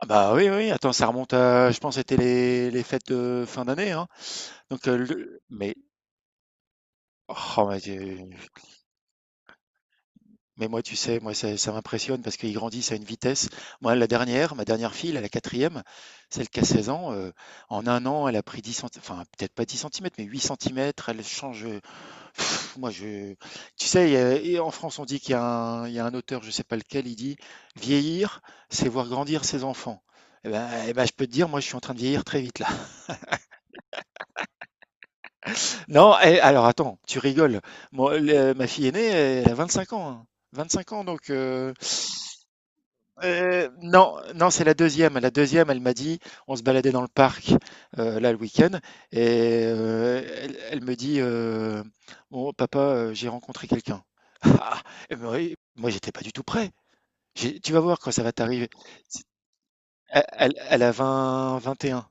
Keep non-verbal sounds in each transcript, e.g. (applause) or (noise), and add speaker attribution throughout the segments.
Speaker 1: Ah bah, oui, oui, oui, attends, ça remonte à, je pense, c'était les fêtes de fin d'année, hein. Donc, le mais oh mais tu mais moi, tu sais, moi, ça m'impressionne parce qu'ils grandissent à une vitesse. Moi, ma dernière fille, là, la quatrième, celle qui a 16 ans, en un an, elle a pris 10 centi enfin, peut-être pas 10 centimètres, mais 8 centimètres, elle change. Moi, je Tu sais, il y a et en France, on dit qu'il y a un auteur, je sais pas lequel. Il dit: «Vieillir, c'est voir grandir ses enfants». Et bah, je peux te dire, moi, je suis en train de vieillir très vite, là. Non, alors attends, tu rigoles. Moi, ma fille aînée, elle a 25 ans, hein. 25 ans, donc, non, non, c'est la deuxième. La deuxième, elle m'a dit, on se baladait dans le parc, là, le week-end, et elle me dit, «Bon, papa, j'ai rencontré quelqu'un.» (laughs) Ah, eh ben oui, moi, j'étais pas du tout prêt. Tu vas voir quand ça va t'arriver. C'est- elle a 20, 21.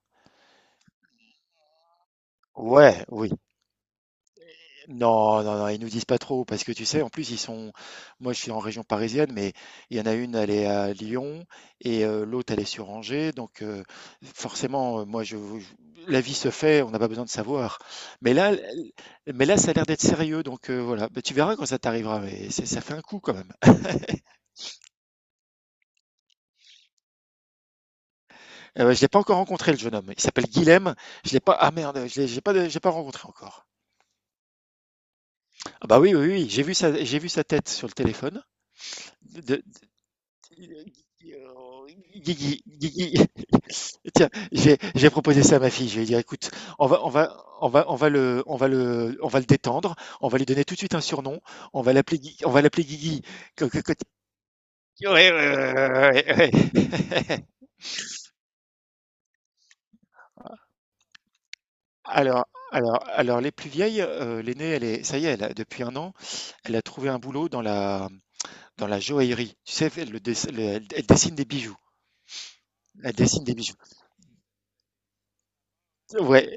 Speaker 1: Ouais, oui. Non, non, non, ils nous disent pas trop parce que, tu sais, en plus, ils sont. Moi, je suis en région parisienne, mais il y en a une, elle est à Lyon, et l'autre, elle est sur Angers. Donc, forcément, la vie se fait, on n'a pas besoin de savoir. Mais là, l- mais là, ça a l'air d'être sérieux. Donc, voilà, bah, tu verras quand ça t'arrivera. Mais ça fait un coup quand même. Ouais, je l'ai pas encore rencontré, le jeune homme. Il s'appelle Guilhem. Je l'ai pas. Ah merde, je l'ai j'ai pas rencontré encore. Ah bah oui, oui, oui. J'ai vu sa tête sur le téléphone. Guigui, Guigui. Tiens, j'ai proposé ça à ma fille. Je lui ai dit, écoute, on va le détendre. On va lui donner tout de suite un surnom. On va l'appeler Guigui. Que- que- que- Ouais, ouais, ouais, ouais, ouais. (laughs) Alors, alors, les plus vieilles, l'aînée, ça y est, depuis un an, elle a trouvé un boulot dans la joaillerie. Tu sais, elle dessine des bijoux. Elle dessine des bijoux. Ouais,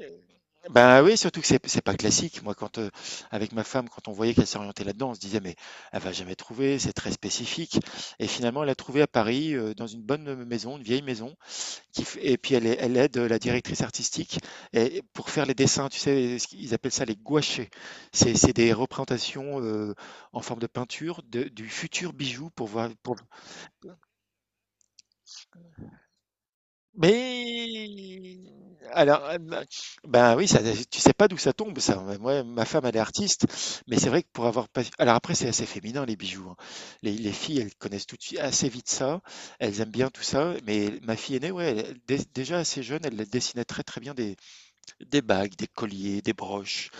Speaker 1: ben oui, surtout que c'est pas classique. Avec ma femme, quand on voyait qu'elle s'orientait là-dedans, on se disait: «Mais elle va jamais trouver, c'est très spécifique», et finalement, elle a trouvé à Paris, dans une bonne, maison, une vieille maison qui f et puis elle aide, la directrice artistique, et pour faire les dessins, tu sais, ce qu'ils appellent ça les gouachés. C'est des représentations, en forme de peinture de du futur bijou pour voir pour Mais alors, bah, ben oui, ça, tu sais pas d'où ça tombe, ça. Moi, ma femme, elle est artiste, mais c'est vrai que pour avoir pas. Alors après, c'est assez féminin, les bijoux, hein. Les filles, elles connaissent tout de suite assez vite ça. Elles aiment bien tout ça. Mais ma fille aînée, ouais, déjà assez jeune, elle dessinait très très bien des bagues, des colliers, des broches.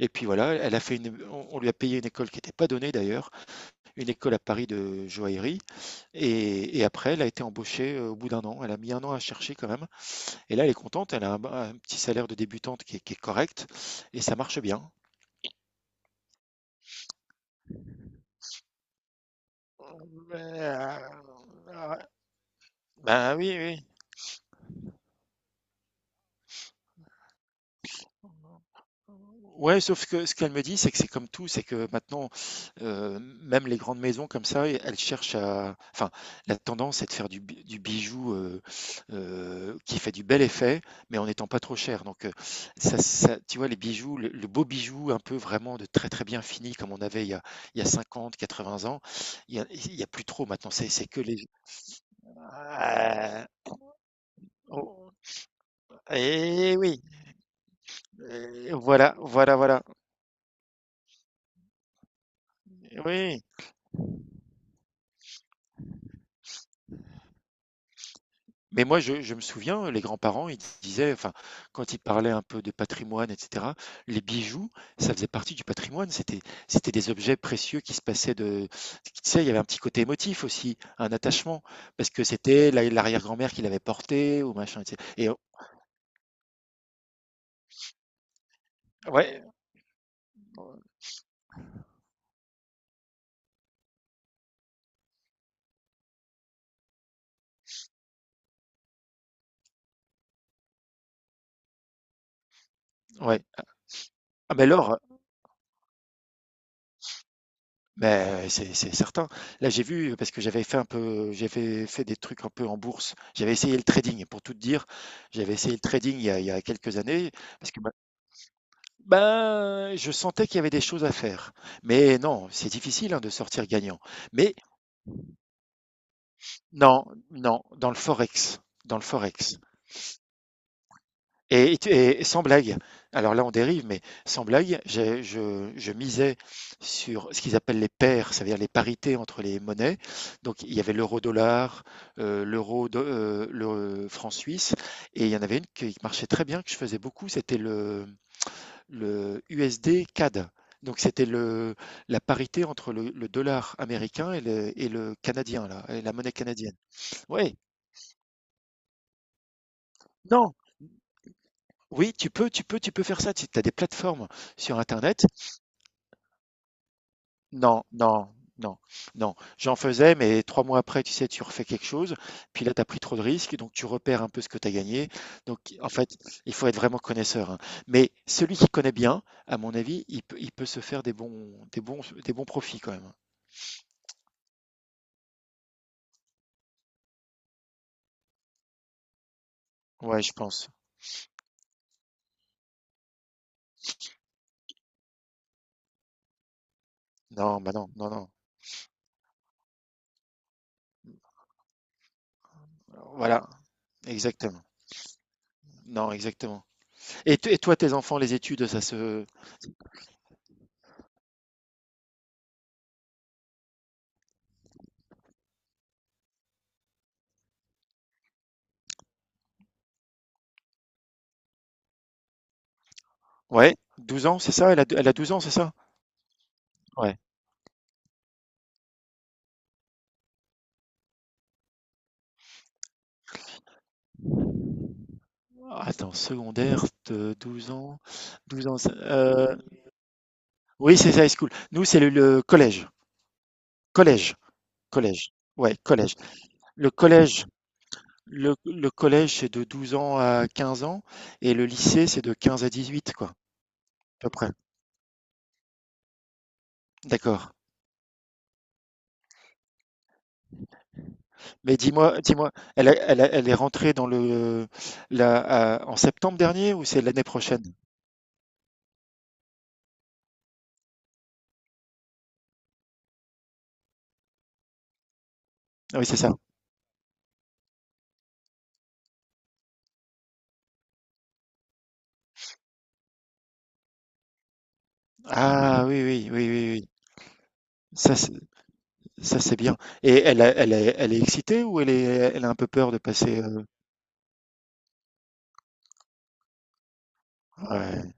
Speaker 1: Et puis voilà, elle a fait une. On lui a payé une école qui n'était pas donnée d'ailleurs, une école à Paris de joaillerie. Et après, elle a été embauchée, au bout d'un an. Elle a mis un an à chercher quand même. Et là, elle est contente, elle a un petit salaire de débutante qui est correct, et ça marche bien. Ben oui, oui. Ouais, sauf que ce qu'elle me dit, c'est que c'est comme tout, c'est que maintenant, même les grandes maisons comme ça, elles cherchent à... Enfin, la tendance est de faire du bijou qui fait du bel effet, mais en n'étant pas trop cher. Donc, tu vois, les bijoux, le beau bijou, un peu vraiment de très très bien fini, comme on avait il y a 50, 80 ans, il y a plus trop maintenant. C'est que les... Ah, oh, eh oui, et voilà, oui. Mais moi, je me souviens, les grands-parents, ils disaient, enfin, quand ils parlaient un peu de patrimoine, etc., les bijoux, ça faisait partie du patrimoine. C'était des objets précieux qui se passaient de. Tu sais, il y avait un petit côté émotif aussi, un attachement, parce que c'était l'arrière-grand-mère qui l'avait porté ou machin, etc. Ouais, ouais. Ah ben Laure, beh, c'est certain. Là, j'ai vu parce que j'avais fait des trucs un peu en bourse. J'avais essayé le trading pour tout te dire. J'avais essayé le trading il y a quelques années parce que, bah, ben, je sentais qu'il y avait des choses à faire. Mais non, c'est difficile, hein, de sortir gagnant. Mais non, non, dans le forex. Et sans blague, alors là on dérive, mais sans blague, je misais sur ce qu'ils appellent les paires, c'est-à-dire les parités entre les monnaies. Donc il y avait l'euro-dollar, l'euro, le franc suisse, et il y en avait une qui marchait très bien, que je faisais beaucoup, c'était le USD-CAD. Donc c'était la parité entre le dollar américain et le canadien, là, et la monnaie canadienne. Oui, non, oui, tu peux faire ça. Tu as des plateformes sur Internet. Non, non, non, non. J'en faisais, mais 3 mois après, tu sais, tu refais quelque chose, puis là, tu as pris trop de risques, donc tu repères un peu ce que tu as gagné. Donc, en fait, il faut être vraiment connaisseur, hein. Mais celui qui connaît bien, à mon avis, il peut se faire des bons profits quand même. Ouais, je pense. Non, bah non, non, non. Voilà, exactement. Non, exactement. Et toi, tes enfants, les études, ça se... Ouais, 12 ans, c'est ça? Elle a 12 ans, c'est ça? Ouais. Attends, secondaire, de 12 ans. 12 ans. Oui, c'est ça, high school. Nous, c'est le collège. Collège. Collège. Ouais, collège. Le collège, le collège, c'est de 12 ans à 15 ans, et le lycée, c'est de 15 à 18, quoi, à peu près. D'accord. Mais dis-moi, elle est rentrée dans le, la, à- en septembre dernier ou c'est l'année prochaine? Ah oui, c'est ça. Ah oui, oui, oui, oui, oui. Ça, c'est- Ça c'est bien. Et elle est excitée, ou elle a un peu peur de passer? Ouais.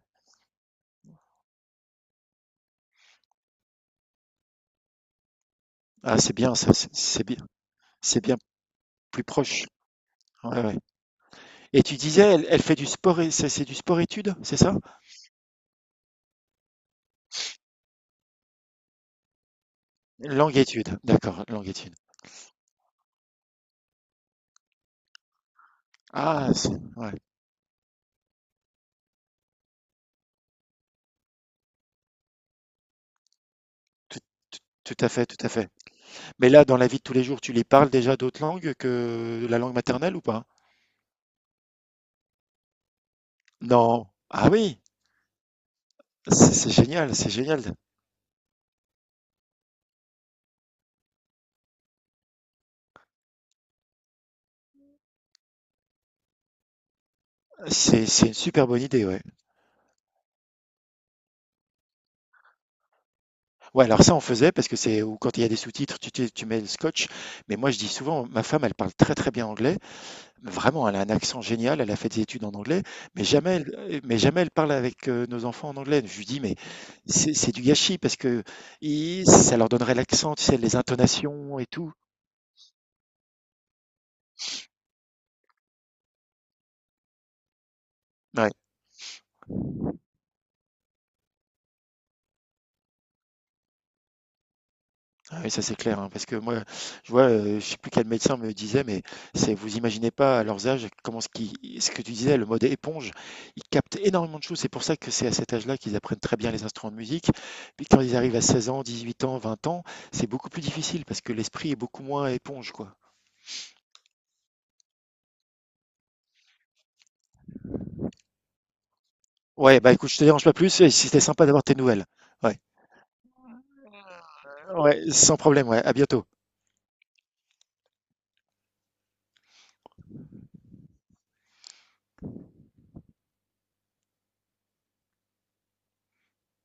Speaker 1: Ah, c'est bien, ça, c'est bien, c'est bien plus proche. Ouais, ouais. Et tu disais, elle fait du sport, et c'est du sport-études, c'est ça? Langue-études, d'accord, langue-études. Ah, ouais, tout, tout à fait, tout à fait. Mais là, dans la vie de tous les jours, tu les parles déjà d'autres langues que la langue maternelle ou pas? Non. Ah oui, c'est génial, c'est génial. C'est une super bonne idée, ouais. Ouais, alors ça, on faisait parce que c'est, ou quand il y a des sous-titres, tu mets le scotch. Mais moi, je dis souvent, ma femme, elle parle très très bien anglais. Vraiment, elle a un accent génial, elle a fait des études en anglais, mais jamais elle, mais jamais elle parle avec, nos enfants en anglais. Je lui dis: «Mais c'est du gâchis parce que i ça leur donnerait l'accent, tu sais, les intonations et tout». Ouais, ah oui, ça c'est clair, hein, parce que moi, je sais plus quel médecin me disait, mais c'est, vous imaginez pas à leurs âges comment ce que tu disais, le mode éponge, ils captent énormément de choses. C'est pour ça que c'est à cet âge-là qu'ils apprennent très bien les instruments de musique. Puis quand ils arrivent à 16 ans, 18 ans, 20 ans, c'est beaucoup plus difficile parce que l'esprit est beaucoup moins éponge, quoi. Ouais, bah écoute, je te dérange pas plus, et si c'était sympa d'avoir tes nouvelles. Ouais. Ouais, sans problème, ouais. À bientôt.